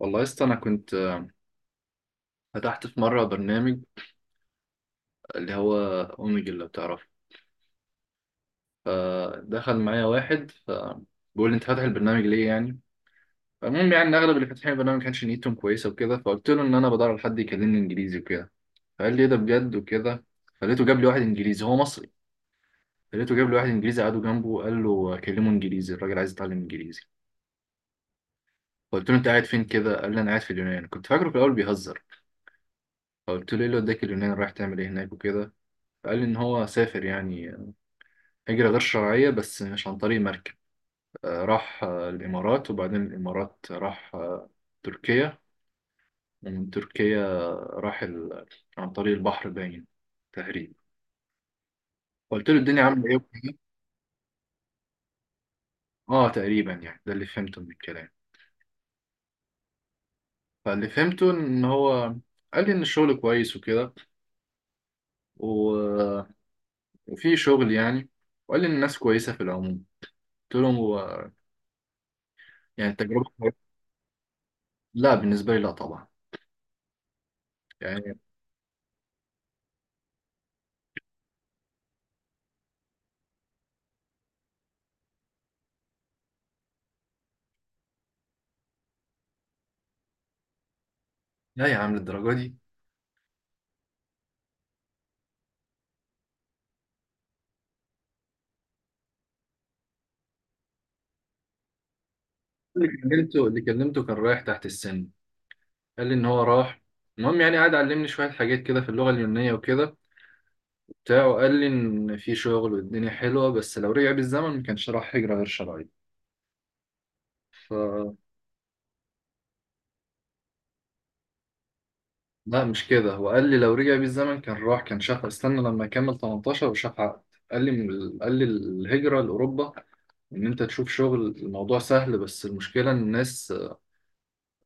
والله يا اسطى انا كنت فتحت في مره برنامج اللي هو اوميجل لو تعرفه. فدخل معايا واحد فبيقول لي: انت فاتح البرنامج ليه يعني؟ فالمهم يعني إن اغلب اللي فاتحين البرنامج ما كانش نيتهم كويسه وكده. فقلت له ان انا بدور على حد يكلمني انجليزي وكده. فقال لي: ايه ده بجد وكده؟ فلقيته جاب لي واحد انجليزي هو مصري. فلقيته جاب لي واحد انجليزي، قعدوا جنبه وقال له كلمه انجليزي، الراجل عايز يتعلم انجليزي. فقلت له: انت قاعد فين كده؟ قال لي: انا قاعد في اليونان. كنت فاكره في الاول بيهزر. فقلت له: ايه اللي وداك اليونان، رايح تعمل ايه هناك وكده؟ فقال لي ان هو سافر يعني هجرة غير شرعية بس مش عن طريق مركب. راح الإمارات، وبعدين الإمارات راح تركيا، ومن تركيا راح عن طريق البحر باين تقريبا. قلت له: الدنيا عاملة إيه وكده؟ آه، تقريبا يعني ده اللي فهمته من الكلام. فاللي فهمته إن هو قال لي إن الشغل كويس وكده و- وفي شغل يعني. وقال لي إن الناس كويسة في العموم. قلت له: هو يعني التجربة كويسة؟ لا، بالنسبة لي لا طبعا يعني. لا يا عم للدرجة دي. اللي كلمته، اللي كلمته كان رايح تحت السن. قال لي ان هو راح. المهم يعني قعد علمني شويه حاجات كده في اللغه اليونانيه وكده وبتاع، وقال لي ان في شغل والدنيا حلوه، بس لو رجع بالزمن ما كانش راح هجره غير شرعيه. ف لا مش كده، هو قال لي لو رجع بالزمن كان راح كان شاف، استنى لما يكمل 18 وشاف عقد. قال لي قال لي الهجره لاوروبا ان انت تشوف شغل، الموضوع سهل، بس المشكله ان الناس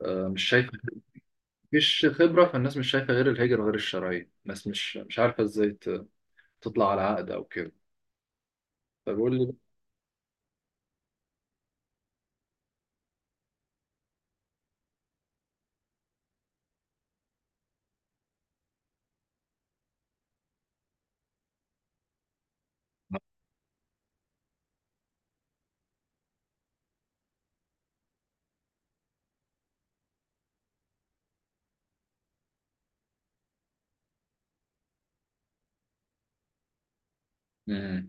مش شايفه. مفيش خبره، فالناس مش شايفه غير الهجره غير الشرعيه. الناس مش عارفه ازاي تطلع على عقد او كده. فبقول لي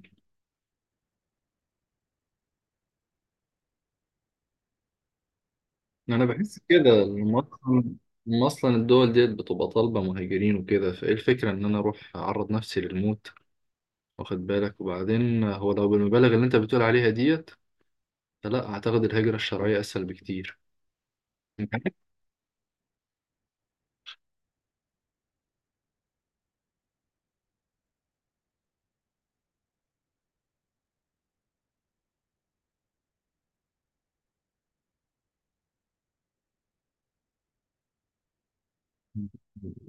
انا بحس كده ان اصلا، إن أصلاً الدول ديت بتبقى طالبه مهاجرين وكده، فايه الفكره ان انا اروح اعرض نفسي للموت؟ واخد بالك. وبعدين هو لو بالمبالغ اللي انت بتقول عليها ديت، فلا اعتقد، الهجره الشرعيه اسهل بكتير. انت عارف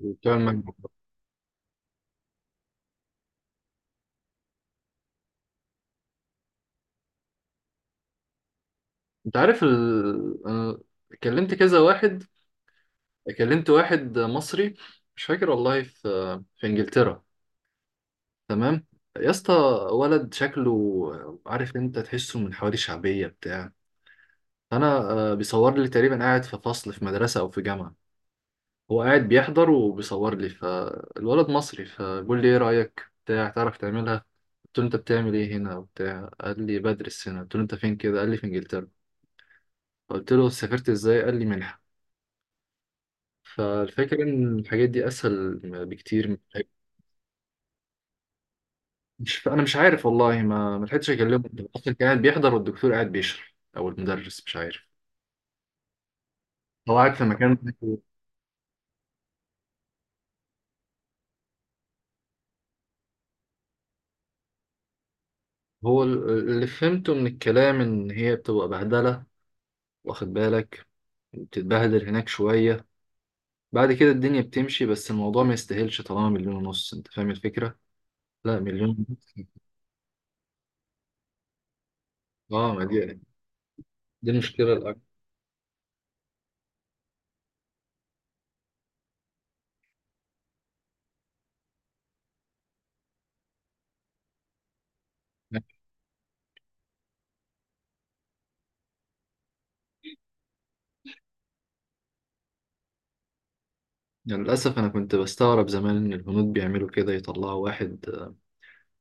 بتوع المجمع. أنت عارف انا كلمت كذا واحد. كلمت واحد مصري، مش فاكر والله، في في انجلترا. تمام يا اسطى، ولد شكله، عارف، انت تحسه من حواري شعبيه بتاع انا بيصور لي تقريبا قاعد في فصل في مدرسه او في جامعه. هو قاعد بيحضر وبيصور لي، فالولد مصري فبيقول لي: ايه رايك بتاع تعرف تعملها؟ قلت له: انت بتعمل ايه هنا وبتاع؟ قال لي: بدرس هنا. قلت له: انت فين كده؟ قال لي: في انجلترا. قلت له: سافرت ازاي؟ قال لي: منحه. فالفكره ان الحاجات دي اسهل بكتير من مش، انا مش عارف والله، ما لحقتش اكلمه. اصلا كان قاعد بيحضر والدكتور قاعد بيشرح او المدرس مش عارف، هو قاعد في مكان. اللي فهمته من الكلام إن هي بتبقى بهدلة، واخد بالك، بتتبهدل هناك شوية، بعد كده الدنيا بتمشي، بس الموضوع ما يستاهلش طالما مليون ونص. انت فاهم الفكرة؟ لا، مليون ونص. اه، ما دي، دي المشكلة الأكبر يعني. للأسف أنا كنت بستغرب زمان إن الهنود بيعملوا كده، يطلعوا واحد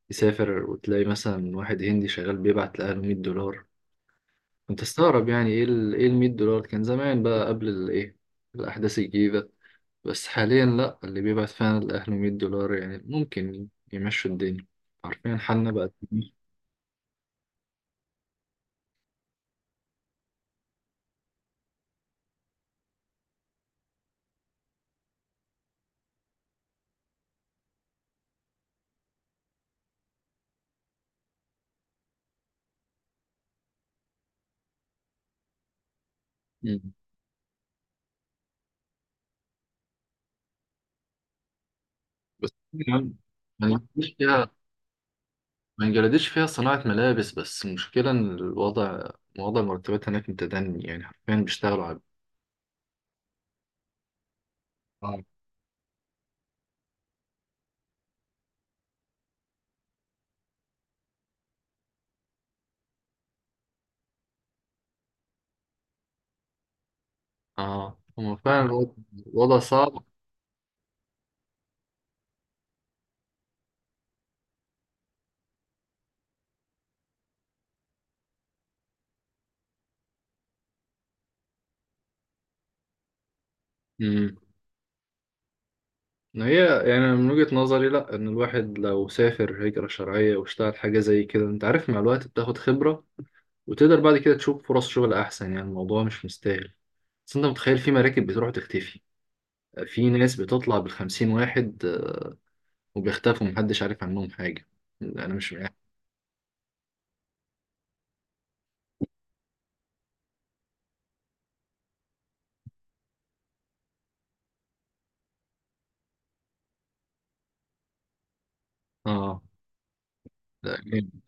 يسافر وتلاقي مثلا واحد هندي شغال بيبعت لأهله 100 دولار. كنت استغرب يعني إيه ال 100 دولار؟ كان زمان بقى قبل الإيه، الأحداث الجديدة. بس حاليا لأ، اللي بيبعت فعلا لأهله 100 دولار يعني ممكن يمشوا الدنيا، عارفين حالنا بقى. مم. بس يعني ما نجحليش فيها. ما نجلدش فيها صناعة ملابس، بس المشكلة إن الوضع، وضع المرتبات هناك متدني، يعني حرفيا بيشتغلوا على آه. اه، هو فعلا الوضع، الوضع صعب. امم هي يعني من وجهة نظري لا، ان الواحد لو سافر هجرة شرعية واشتغل حاجة زي كده، انت عارف، مع الوقت بتاخد خبرة وتقدر بعد كده تشوف فرص شغل احسن، يعني الموضوع مش مستاهل. بس انت متخيل في مراكب بتروح تختفي؟ في ناس بتطلع بالخمسين واحد وبيختفوا، محدش عارف عنهم حاجة. لا، أنا مش معاهم. اه، لا جامد.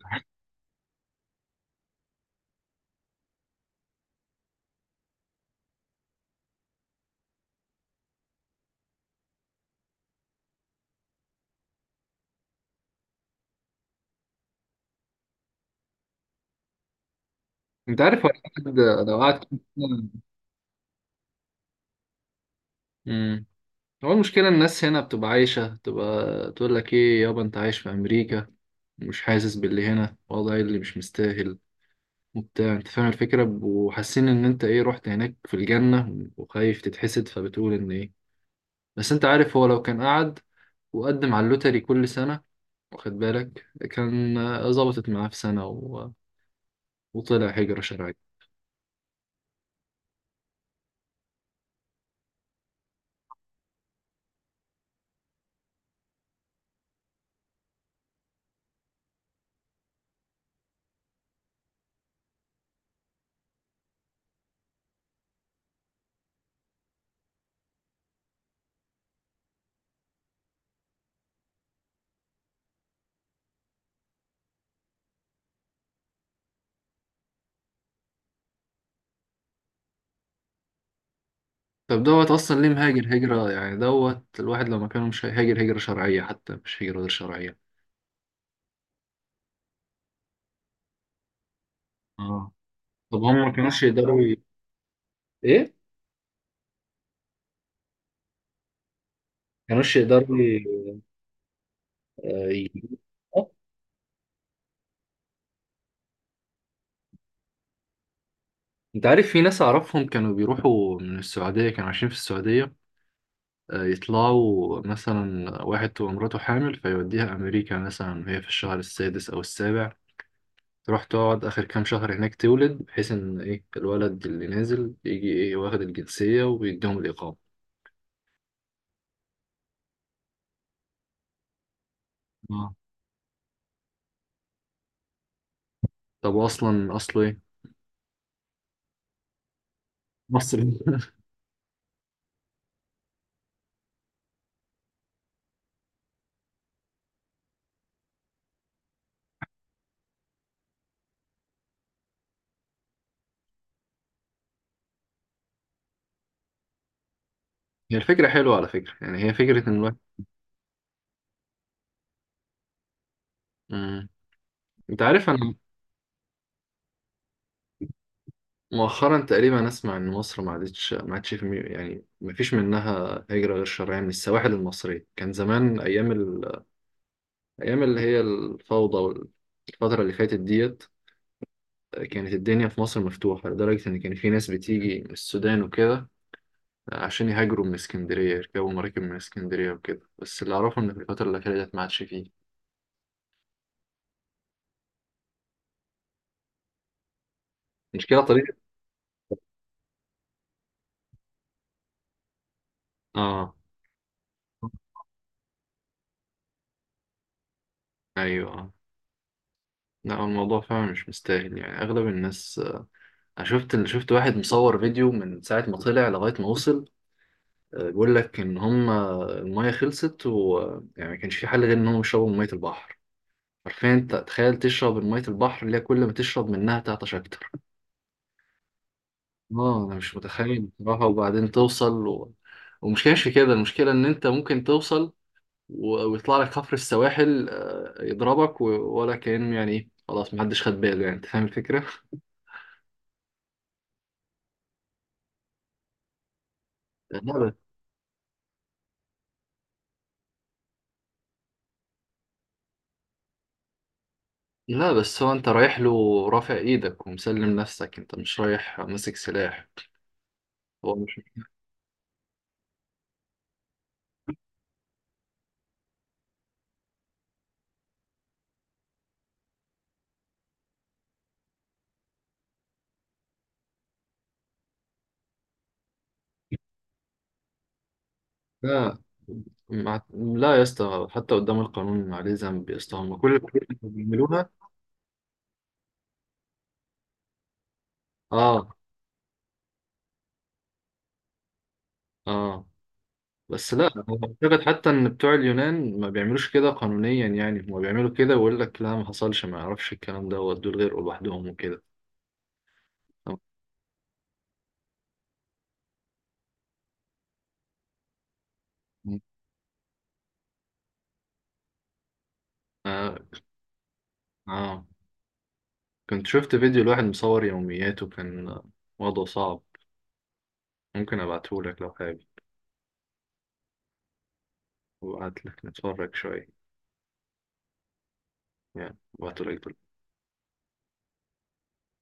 أنت عارف هو الواحد لو قعد كام سنة- مم. هو المشكلة الناس هنا بتبقى عايشة، تبقى تقول لك: إيه يابا، أنت عايش في أمريكا ومش حاسس باللي هنا. والله اللي مش مستاهل وبتاع، أنت فاهم الفكرة، وحاسين إن أنت إيه، رحت هناك في الجنة وخايف تتحسد، فبتقول إن إيه. بس أنت عارف هو لو كان قعد وقدم على اللوتري كل سنة، واخد بالك، كان ظبطت معاه في سنة وطلع هجرة شرعية. طب دوت اصلا ليه مهاجر هجرة يعني، دوت الواحد لو ما كانوا مش هيهاجر هجرة شرعية حتى مش هجرة غير شرعية. اه، طب هم ما كانوش يقدروا ايه، ما كانوش يقدروا آه، ي- آه. انت عارف في ناس اعرفهم كانوا بيروحوا من السعودية، كانوا عايشين في السعودية. يطلعوا مثلا واحد تبقى مراته حامل فيوديها امريكا مثلا، وهي في الشهر السادس او السابع، تروح تقعد اخر كام شهر هناك تولد، بحيث ان ايه، الولد اللي نازل يجي ايه واخد الجنسية ويديهم الاقامة. اه، طب اصلا اصله ايه؟ مصري هي الفكره حلوه على فكره يعني، هي فكره ان الواحد. مم. انت عارف انا مؤخرا تقريبا اسمع ان مصر ما عادتش، ما عادش في يعني ما فيش منها هجره غير شرعيه من السواحل المصريه. كان زمان ايام ايام اللي هي الفوضى والفتره اللي فاتت ديت كانت الدنيا في مصر مفتوحه لدرجه ان كان في ناس بتيجي من السودان وكده عشان يهاجروا من اسكندريه، يركبوا مراكب من اسكندريه وكده. بس اللي اعرفه ان في الفتره الاخيره ديت ما عادش فيه. مشكله طريقه. اه. ايوه. لا، هو الموضوع فعلا مش مستاهل، يعني اغلب الناس. انا شفت، شفت واحد مصور فيديو من ساعه ما طلع لغايه ما وصل، بيقول لك ان هم، المايه خلصت ويعني ما كانش في حل غير ان هم يشربوا من ميه البحر. عارفين انت تخيل تشرب من ميه البحر اللي هي كل ما تشرب منها تعطش اكتر؟ اه، انا مش متخيل بصراحه. وبعدين توصل ومشكلة في كده، المشكله ان انت ممكن توصل ويطلع لك حفر السواحل يضربك ولا كأن يعني ايه، خلاص محدش خد باله يعني. انت فاهم الفكره؟ لا. لا، بس هو انت رايح له رافع ايدك ومسلم نفسك، انت مش رايح ماسك سلاح، هو مش. لا، لا يا اسطى، حتى قدام القانون عليه ذنب يا اسطى، هم كل الحاجات اللي بيعملوها. اه. اه، بس لا، أنا اعتقد حتى ان بتوع اليونان ما بيعملوش كده قانونيا، يعني هم بيعملوا كده ويقول لك لا ما حصلش، ما يعرفش الكلام ده، ودول غير لوحدهم وكده. آه. اه، كنت شفت فيديو لواحد مصور يومياته، كان وضعه صعب، ممكن ابعته لك لو حابب وقعدت لك نتفرج شوية، يعني وقت قليل.